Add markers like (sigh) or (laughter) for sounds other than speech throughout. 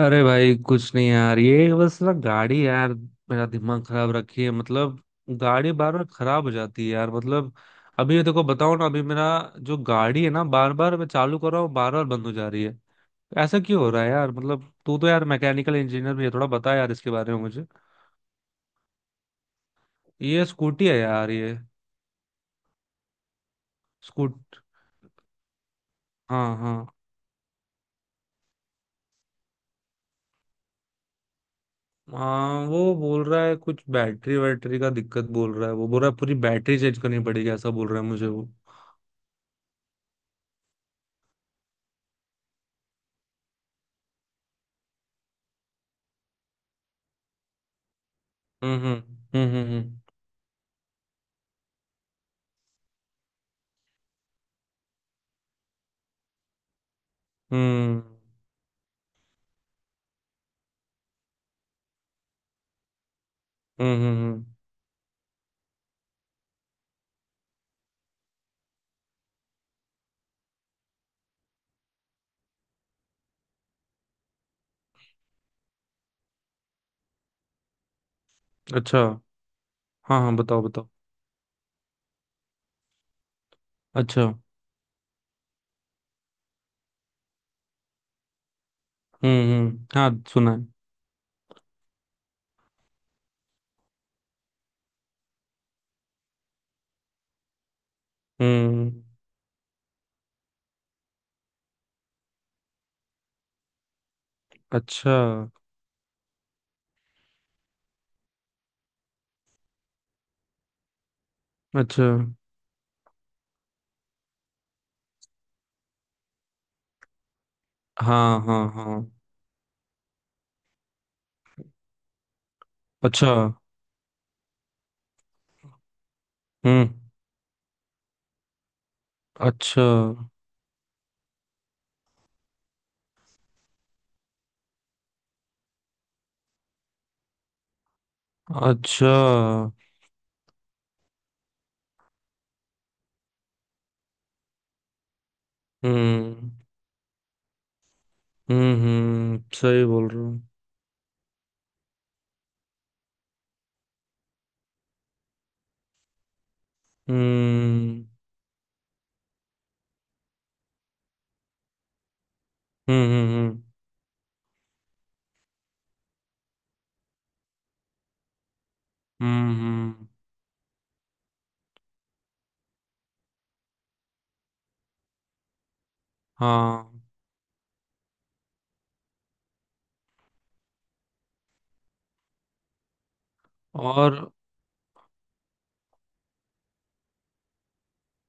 अरे भाई, कुछ नहीं यार। ये बस ना, गाड़ी यार मेरा दिमाग खराब रखी है। मतलब गाड़ी बार बार खराब हो जाती है यार। मतलब अभी ये देखो, बताओ ना। अभी मेरा जो गाड़ी है ना, बार बार मैं चालू कर रहा हूँ, बार बार बंद हो जा रही है। ऐसा क्यों हो रहा है यार? मतलब तू तो यार मैकेनिकल इंजीनियर भी है, थोड़ा बता यार इसके बारे में मुझे। ये स्कूटी है यार ये। स्कूट हाँ हाँ। हाँ, वो बोल रहा है कुछ बैटरी वैटरी का दिक्कत बोल रहा है। वो बोल रहा है पूरी बैटरी चेंज करनी पड़ेगी, ऐसा बोल रहा है मुझे वो। हम्म। हम्म। हम्म। हम्म। हम्म। हम्म। हम्म। अच्छा। हाँ हाँ, बताओ बताओ। अच्छा। हम्म, हाँ सुना है। हम्म। अच्छा। अच्छा। हाँ हाँ हाँ। अच्छा। हम्म। अच्छा अच्छा। हम्म हम्म, सही बोल रहे हो। हम्म हम्म। हम्म हम्म, हम्म, हाँ। और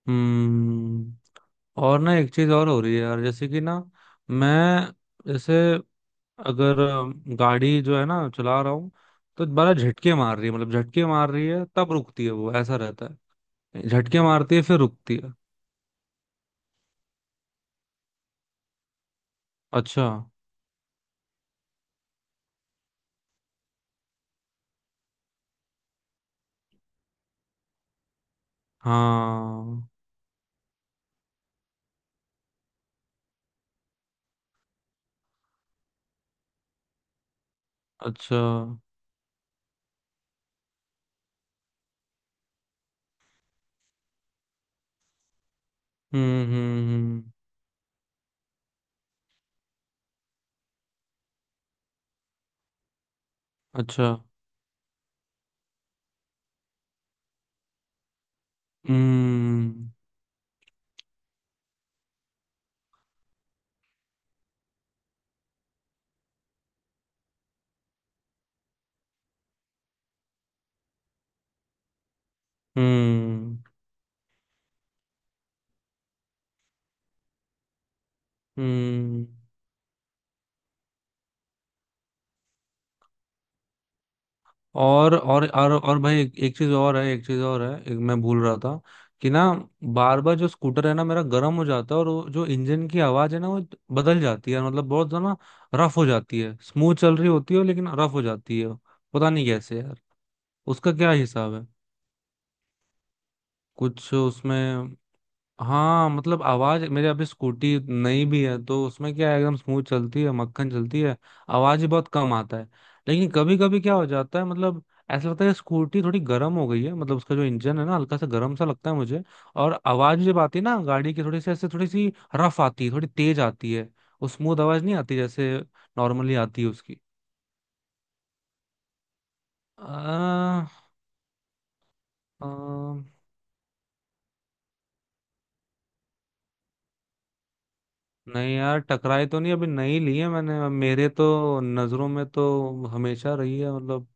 हम्म। और ना एक चीज और हो रही है यार, जैसे कि ना मैं जैसे, अगर गाड़ी जो है ना चला रहा हूँ, तो बड़ा झटके मार रही है। मतलब झटके मार रही है, तब रुकती है वो, ऐसा रहता है। झटके मारती है, फिर रुकती है। अच्छा। हाँ। अच्छा। हम्म। अच्छा। हम्म हम्म हम्म। और भाई, एक चीज और है, एक चीज और है। एक मैं भूल रहा था, कि ना बार बार जो स्कूटर है ना मेरा गर्म हो जाता है। और वो जो इंजन की आवाज है ना, वो बदल जाती है। मतलब बहुत ज्यादा रफ हो जाती है। स्मूथ चल रही होती है लेकिन रफ हो जाती है। पता नहीं कैसे यार, उसका क्या हिसाब है, कुछ उसमें। हाँ, मतलब आवाज मेरे, अभी स्कूटी नई भी है तो उसमें क्या है, एकदम स्मूथ चलती है, मक्खन चलती है। आवाज ही बहुत कम आता है। लेकिन कभी कभी क्या हो जाता है, मतलब ऐसा लगता है स्कूटी थोड़ी गर्म हो गई है। मतलब उसका जो इंजन है ना, हल्का सा गर्म सा लगता है मुझे। और आवाज जब आती है ना गाड़ी की, थोड़ी सी ऐसे, थोड़ी सी रफ आती है, थोड़ी तेज आती है। वो स्मूथ आवाज नहीं आती जैसे नॉर्मली आती है उसकी। आ, आ, नहीं यार, टकराई तो नहीं। अभी नई ली है मैंने, मेरे तो नजरों में तो हमेशा रही है मतलब।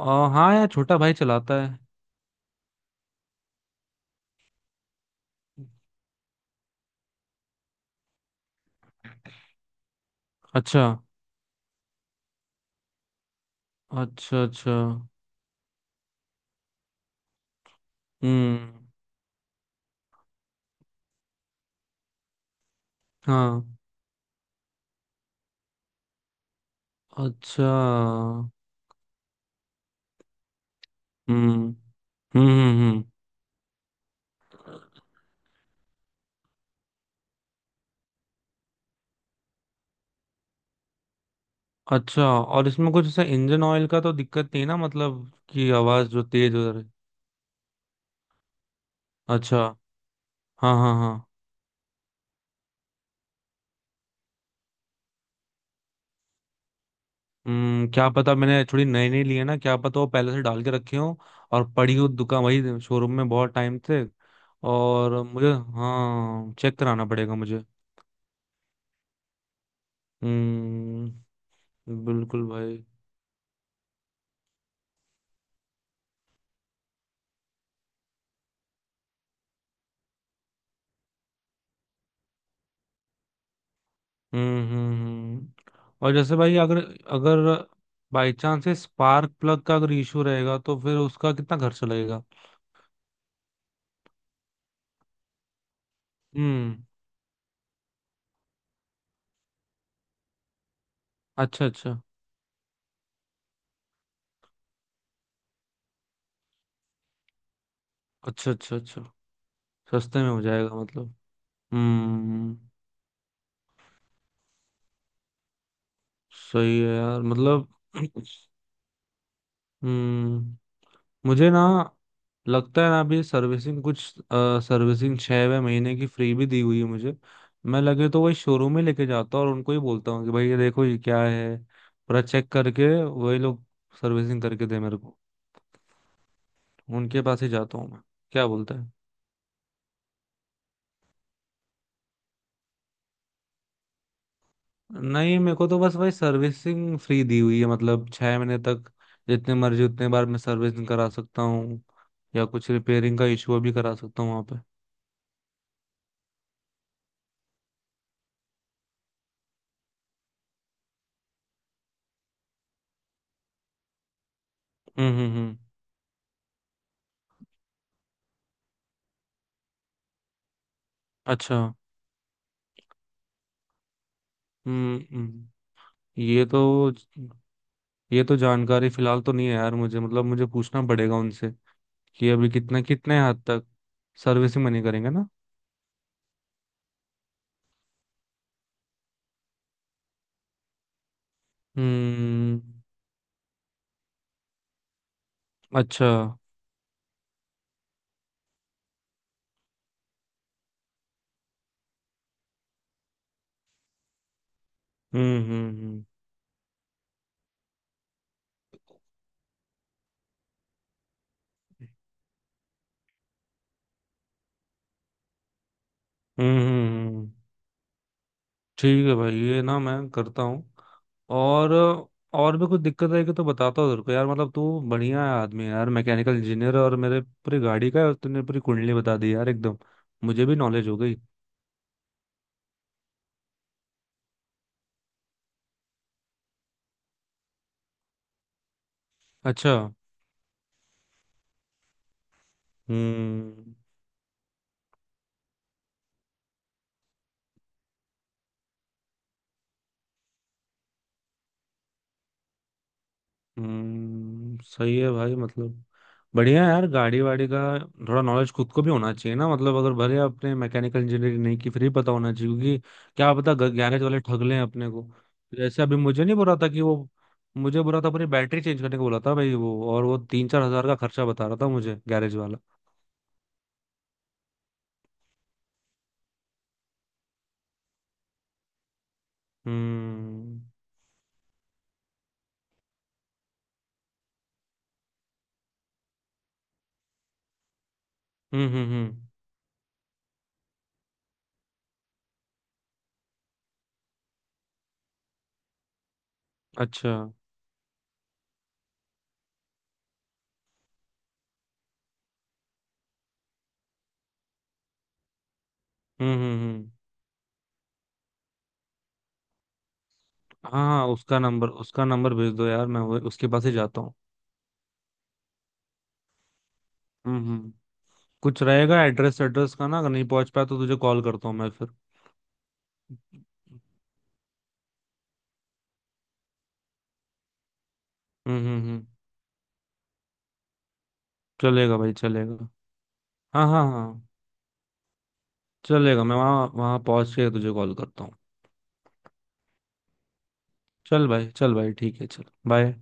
हाँ यार, छोटा भाई चलाता है। अच्छा अच्छा अच्छा। हम्म। हाँ। अच्छा। हम्म हम्म। अच्छा। और इसमें कुछ ऐसा इंजन ऑयल का तो दिक्कत नहीं ना, मतलब कि आवाज जो तेज हो रही। अच्छा। हाँ हाँ हाँ। हम्म, क्या पता। मैंने थोड़ी नई नई ली है ना, क्या पता वो पहले से डाल के रखे हो, और पड़ी हो दुकान वही शोरूम में बहुत टाइम से। और मुझे, हाँ चेक कराना पड़ेगा मुझे। हम्म, बिल्कुल भाई। हम्म। हम्म। हम्म। और जैसे भाई, अगर अगर बाई चांस से स्पार्क प्लग का अगर इशू रहेगा, तो फिर उसका कितना खर्चा लगेगा? हम्म। अच्छा अच्छा अच्छा। अच्छा। अच्छा। सस्ते में हो जाएगा मतलब? हम्म। सही है यार मतलब। (clears throat) हम्म। मुझे ना लगता है ना, अभी सर्विसिंग कुछ, सर्विसिंग 6 महीने की फ्री भी दी हुई है मुझे। मैं लगे तो वही शोरूम में लेके जाता हूँ, और उनको ही बोलता हूँ कि भाई ये देखो ये क्या है, पूरा चेक करके वही लोग सर्विसिंग करके दे मेरे को। उनके पास ही जाता हूँ मैं। क्या बोलते हैं। नहीं, मेरे को तो बस भाई सर्विसिंग फ्री दी हुई है, मतलब 6 महीने तक। जितने मर्जी उतने बार मैं सर्विसिंग करा सकता हूँ, या कुछ रिपेयरिंग का इशू भी करा सकता हूँ वहाँ पे। हम्म। अच्छा। हम्म। ये तो ये तो जानकारी फिलहाल तो नहीं है यार मुझे। मतलब मुझे पूछना पड़ेगा उनसे कि अभी कितना, कितने हद तक सर्विसिंग मनी करेंगे ना। हम्म। अच्छा। हम्म। हम्म हम्म, हम्म। ठीक है भाई, ये ना मैं करता हूँ। और और भी कुछ दिक्कत आएगी तो बताता हूँ तेरे को यार। मतलब तू बढ़िया आदमी है यार, मैकेनिकल इंजीनियर, और मेरे पूरी गाड़ी का तूने पूरी कुंडली बता दी यार एकदम। मुझे भी नॉलेज हो गई। अच्छा। हम्म हम्म। सही है भाई मतलब। बढ़िया है यार। गाड़ी वाड़ी का थोड़ा नॉलेज खुद को भी होना चाहिए ना। मतलब अगर भले आपने मैकेनिकल इंजीनियरिंग नहीं की, फिर भी पता होना चाहिए, क्योंकि क्या पता गैरेज वाले ठग लें अपने को। जैसे अभी मुझे नहीं बोला था कि वो, मुझे बोला था अपनी बैटरी चेंज करने को बोला था भाई वो, और वो 3-4 हज़ार का खर्चा बता रहा था मुझे गैरेज वाला। हम्म हम्म। अच्छा। हम्म। हाँ हाँ, उसका नंबर भेज दो यार। मैं उसके पास ही जाता हूँ। हम्म। कुछ रहेगा एड्रेस एड्रेस का ना, अगर नहीं पहुंच पाया तो तुझे कॉल करता हूँ मैं फिर। हम्म। चलेगा भाई, चलेगा। हाँ हाँ हाँ। चलेगा, मैं वहाँ वहाँ पहुंच के तुझे कॉल करता हूँ। चल भाई, चल भाई, ठीक है, चल बाय।